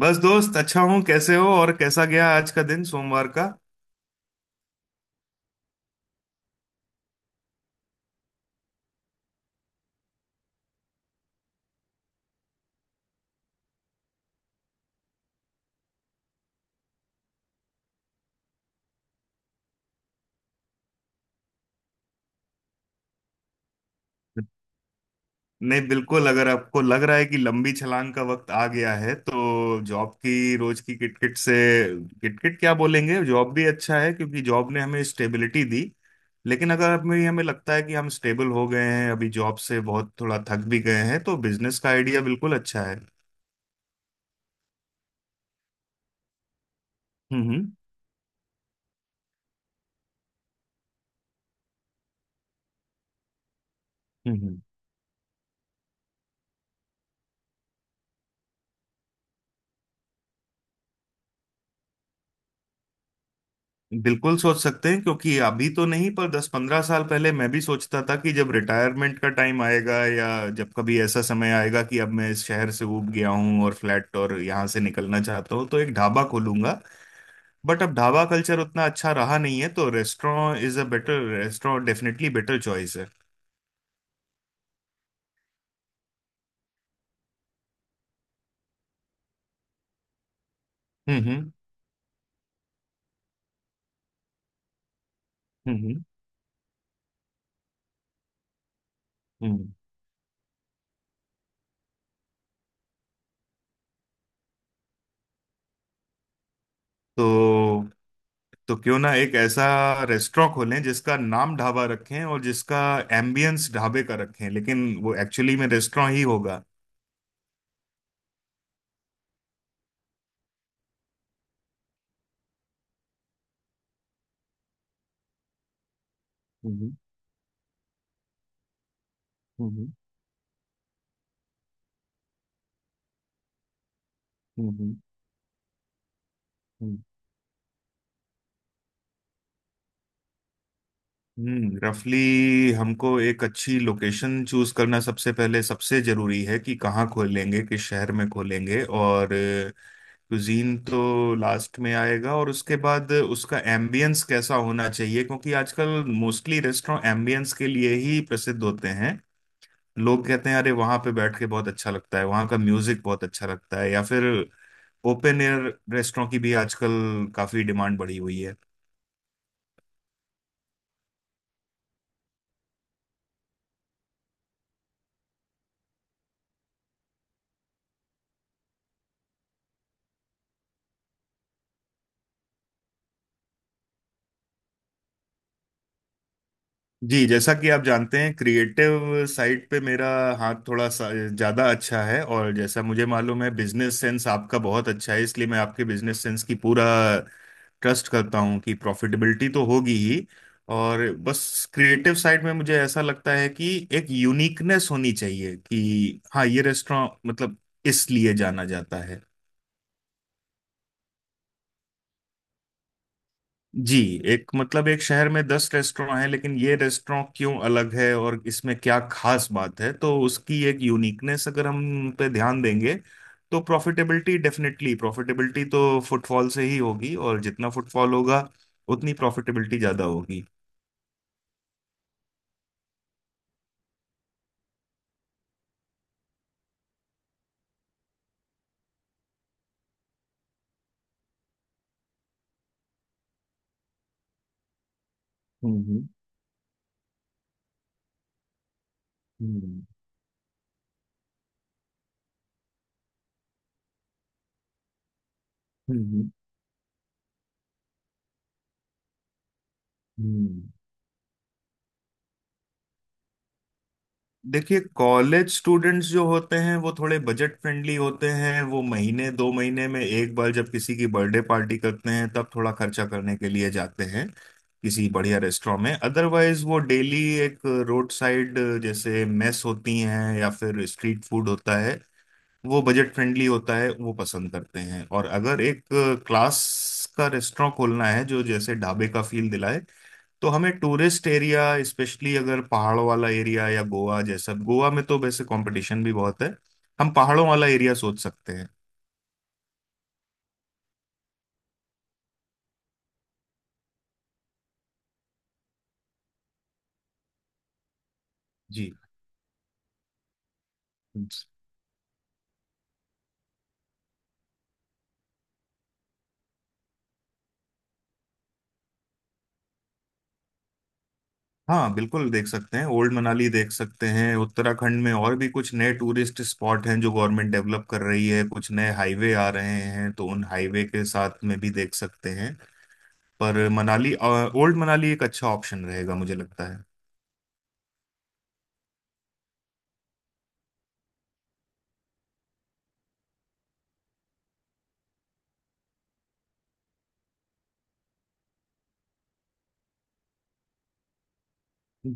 बस दोस्त अच्छा हूँ। कैसे हो और कैसा गया आज का दिन, सोमवार का? नहीं, बिल्कुल। अगर आपको लग रहा है कि लंबी छलांग का वक्त आ गया है तो जॉब की रोज की किटकिट से, किटकिट क्या बोलेंगे, जॉब भी अच्छा है क्योंकि जॉब ने हमें स्टेबिलिटी दी। लेकिन अगर हमें हमें लगता है कि हम स्टेबल हो गए हैं अभी, जॉब से बहुत थोड़ा थक भी गए हैं, तो बिजनेस का आइडिया बिल्कुल अच्छा है। हम्म, हम्म, हम्म, बिल्कुल सोच सकते हैं क्योंकि अभी तो नहीं, पर 10 15 साल पहले मैं भी सोचता था कि जब रिटायरमेंट का टाइम आएगा या जब कभी ऐसा समय आएगा कि अब मैं इस शहर से ऊब गया हूँ और फ्लैट और यहाँ से निकलना चाहता हूँ तो एक ढाबा खोलूंगा। बट अब ढाबा कल्चर उतना अच्छा रहा नहीं है तो restaurant is a better, restaurant definitely better choice है। हम्म, हम्म, हम्म, हम्म, हम्म। तो तो क्यों ना एक ऐसा रेस्टोरेंट खोलें जिसका नाम ढाबा रखें और जिसका एम्बियंस ढाबे का रखें, लेकिन वो एक्चुअली में रेस्टोरेंट ही होगा। हम्म, हम्म। हम्म, रफली हमको एक अच्छी लोकेशन चूज करना सबसे पहले सबसे जरूरी है कि कहाँ खोलेंगे, किस शहर में खोलेंगे, और कुजीन तो लास्ट में आएगा। और उसके बाद उसका एम्बियंस कैसा होना चाहिए, क्योंकि आजकल मोस्टली रेस्टोरेंट एम्बियंस के लिए ही प्रसिद्ध होते हैं। लोग कहते हैं, अरे वहां पे बैठ के बहुत अच्छा लगता है, वहां का म्यूजिक बहुत अच्छा लगता है, या फिर ओपन एयर रेस्टोरेंट की भी आजकल काफी डिमांड बढ़ी हुई है। जी, जैसा कि आप जानते हैं क्रिएटिव साइड पे मेरा हाथ थोड़ा सा ज़्यादा अच्छा है, और जैसा मुझे मालूम है बिजनेस सेंस आपका बहुत अच्छा है, इसलिए मैं आपके बिजनेस सेंस की पूरा ट्रस्ट करता हूँ कि प्रॉफिटेबिलिटी तो होगी ही। और बस क्रिएटिव साइड में मुझे ऐसा लगता है कि एक यूनिकनेस होनी चाहिए कि हाँ, ये रेस्टोरेंट मतलब इसलिए जाना जाता है। जी। एक मतलब एक शहर में दस रेस्टोरेंट हैं, लेकिन ये रेस्टोरेंट क्यों अलग है और इसमें क्या खास बात है, तो उसकी एक यूनिकनेस अगर हम पे ध्यान देंगे तो प्रॉफिटेबिलिटी डेफिनेटली, प्रॉफिटेबिलिटी तो फुटफॉल से ही होगी, और जितना फुटफॉल होगा उतनी प्रॉफिटेबिलिटी ज्यादा होगी। हम्म, हम्म, हम्म, हम्म, हम्म। देखिए, कॉलेज स्टूडेंट्स जो होते हैं वो थोड़े बजट फ्रेंडली होते हैं। वो महीने दो महीने में एक बार जब किसी की बर्थडे पार्टी करते हैं तब थोड़ा खर्चा करने के लिए जाते हैं किसी बढ़िया रेस्टोरेंट में। अदरवाइज वो डेली एक रोड साइड, जैसे मेस होती हैं या फिर स्ट्रीट फूड होता है, वो बजट फ्रेंडली होता है, वो पसंद करते हैं। और अगर एक क्लास का रेस्टोरेंट खोलना है जो जैसे ढाबे का फील दिलाए, तो हमें टूरिस्ट एरिया, स्पेशली अगर पहाड़ों वाला एरिया या गोवा जैसा, गोवा में तो वैसे कंपटीशन भी बहुत है, हम पहाड़ों वाला एरिया सोच सकते हैं। जी। हाँ, बिल्कुल देख सकते हैं। ओल्ड मनाली देख सकते हैं। उत्तराखंड में और भी कुछ नए टूरिस्ट स्पॉट हैं जो गवर्नमेंट डेवलप कर रही है, कुछ नए हाईवे आ रहे हैं, तो उन हाईवे के साथ में भी देख सकते हैं। पर मनाली, ओल्ड मनाली एक अच्छा ऑप्शन रहेगा मुझे लगता है।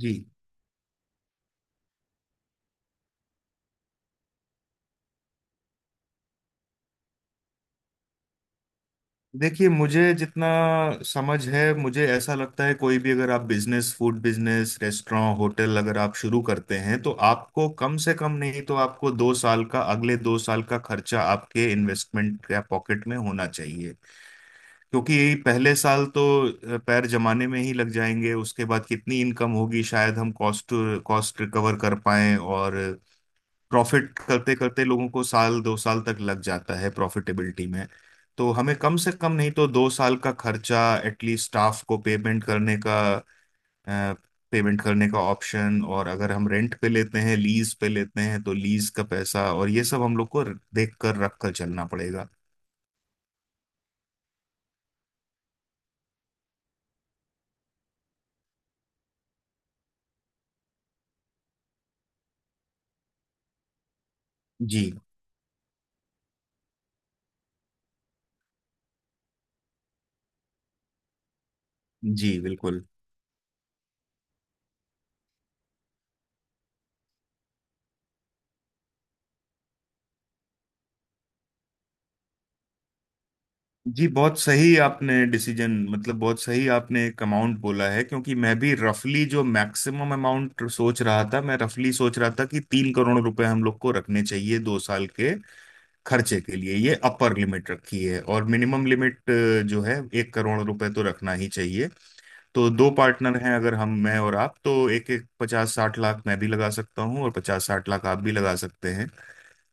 जी। देखिए, मुझे जितना समझ है मुझे ऐसा लगता है कोई भी अगर आप business, food business, restaurant, hotel अगर आप शुरू करते हैं तो आपको कम से कम नहीं तो आपको दो साल का, अगले दो साल का खर्चा आपके इन्वेस्टमेंट या पॉकेट में होना चाहिए। क्योंकि पहले साल तो पैर जमाने में ही लग जाएंगे। उसके बाद कितनी इनकम होगी, शायद हम कॉस्ट कॉस्ट रिकवर कर पाएं, और प्रॉफिट करते करते लोगों को 1 2 साल तक लग जाता है प्रॉफिटेबिलिटी में। तो हमें कम से कम नहीं तो 2 साल का खर्चा, एटलीस्ट स्टाफ को पेमेंट करने का ऑप्शन, और अगर हम रेंट पे लेते हैं लीज पे लेते हैं तो लीज का पैसा, और ये सब हम लोग को देख कर रख कर चलना पड़ेगा। जी। जी, बिल्कुल। जी, बहुत सही आपने डिसीजन, मतलब बहुत सही आपने एक अमाउंट बोला है, क्योंकि मैं भी रफली जो मैक्सिमम अमाउंट सोच रहा था, मैं रफली सोच रहा था कि 3 करोड़ रुपए हम लोग को रखने चाहिए 2 साल के खर्चे के लिए, ये अपर लिमिट रखी है। और मिनिमम लिमिट जो है, 1 करोड़ रुपए तो रखना ही चाहिए। तो दो पार्टनर हैं अगर हम, मैं और आप, तो एक एक 50 60 लाख मैं भी लगा सकता हूँ और 50 60 लाख आप भी लगा सकते हैं,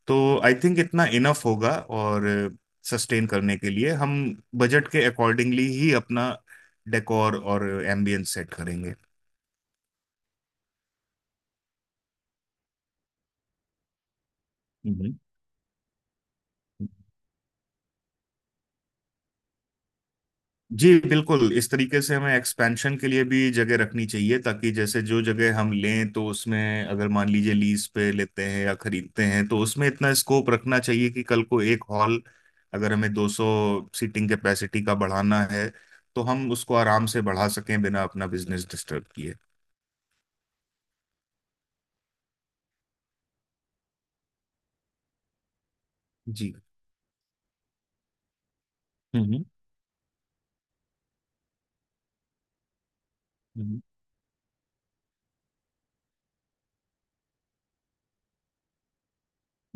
तो आई थिंक इतना इनफ होगा। और सस्टेन करने के लिए हम बजट के अकॉर्डिंगली ही अपना डेकोर और एम्बियंस सेट करेंगे। हम्म। जी, बिल्कुल। इस तरीके से हमें एक्सपेंशन के लिए भी जगह रखनी चाहिए, ताकि जैसे जो जगह हम लें तो उसमें अगर मान लीजिए लीज पे लेते हैं या खरीदते हैं, तो उसमें इतना स्कोप रखना चाहिए कि कल को एक हॉल अगर हमें 200 सीटिंग कैपेसिटी का बढ़ाना है तो हम उसको आराम से बढ़ा सकें बिना अपना बिजनेस डिस्टर्ब किए। जी। हम्म।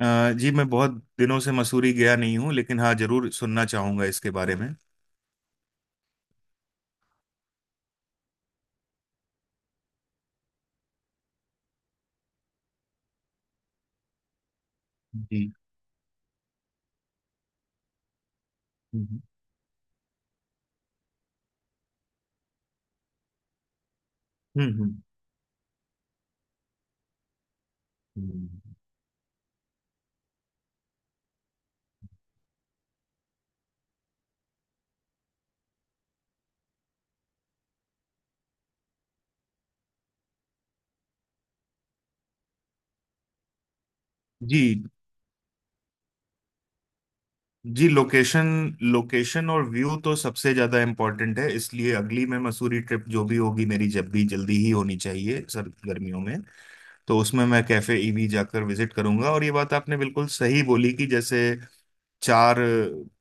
जी, मैं बहुत दिनों से मसूरी गया नहीं हूँ, लेकिन हाँ जरूर सुनना चाहूंगा इसके बारे में। जी। हम्म, हम्म, हम्म, हम्म। जी। जी, लोकेशन, लोकेशन और व्यू तो सबसे ज्यादा इम्पोर्टेंट है, इसलिए अगली मैं मसूरी ट्रिप जो भी होगी मेरी, जब भी, जल्दी ही होनी चाहिए सर गर्मियों में, तो उसमें मैं कैफे ईवी जाकर विजिट करूंगा। और ये बात आपने बिल्कुल सही बोली कि जैसे चार,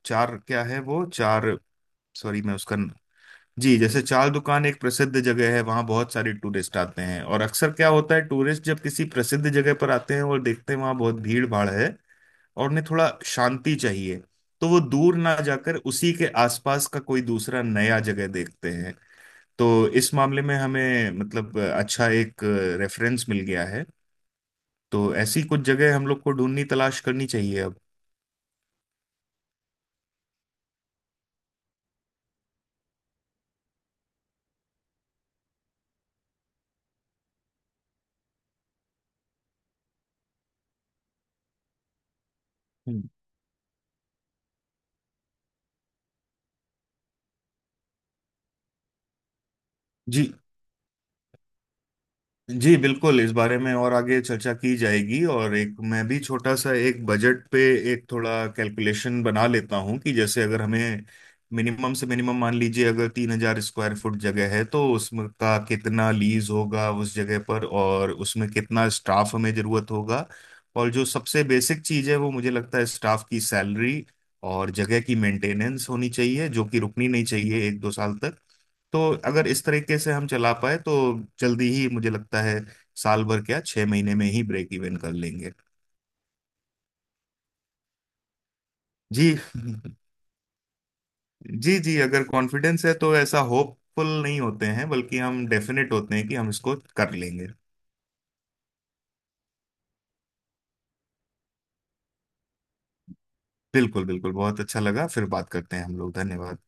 चार क्या है वो, चार, सॉरी मैं उसका, जी, जैसे चाल दुकान एक प्रसिद्ध जगह है, वहाँ बहुत सारे टूरिस्ट आते हैं। और अक्सर क्या होता है, टूरिस्ट जब किसी प्रसिद्ध जगह पर आते हैं और देखते हैं वहाँ बहुत भीड़ भाड़ है और उन्हें थोड़ा शांति चाहिए, तो वो दूर ना जाकर उसी के आसपास का कोई दूसरा नया जगह देखते हैं। तो इस मामले में हमें, मतलब अच्छा एक रेफरेंस मिल गया है, तो ऐसी कुछ जगह हम लोग को ढूंढनी, तलाश करनी चाहिए अब। हम्म। जी। जी, बिल्कुल। इस बारे में और आगे चर्चा की जाएगी। और एक मैं भी छोटा सा एक बजट पे, एक थोड़ा कैलकुलेशन बना लेता हूँ, कि जैसे अगर हमें मिनिमम से मिनिमम, मान लीजिए अगर 3,000 स्क्वायर फुट जगह है, तो उसमें का कितना लीज होगा उस जगह पर, और उसमें कितना स्टाफ हमें जरूरत होगा। और जो सबसे बेसिक चीज़ है वो मुझे लगता है स्टाफ की सैलरी और जगह की मेंटेनेंस होनी चाहिए, जो कि रुकनी नहीं चाहिए 1 2 साल तक। तो अगर इस तरीके से हम चला पाए तो जल्दी ही मुझे लगता है साल भर क्या, 6 महीने में ही ब्रेक इवन कर लेंगे। जी। जी, जी। अगर कॉन्फिडेंस है तो ऐसा होपफुल नहीं होते हैं, बल्कि हम डेफिनेट होते हैं कि हम इसको कर लेंगे। बिल्कुल, बिल्कुल, बहुत अच्छा लगा। फिर बात करते हैं हम लोग। धन्यवाद।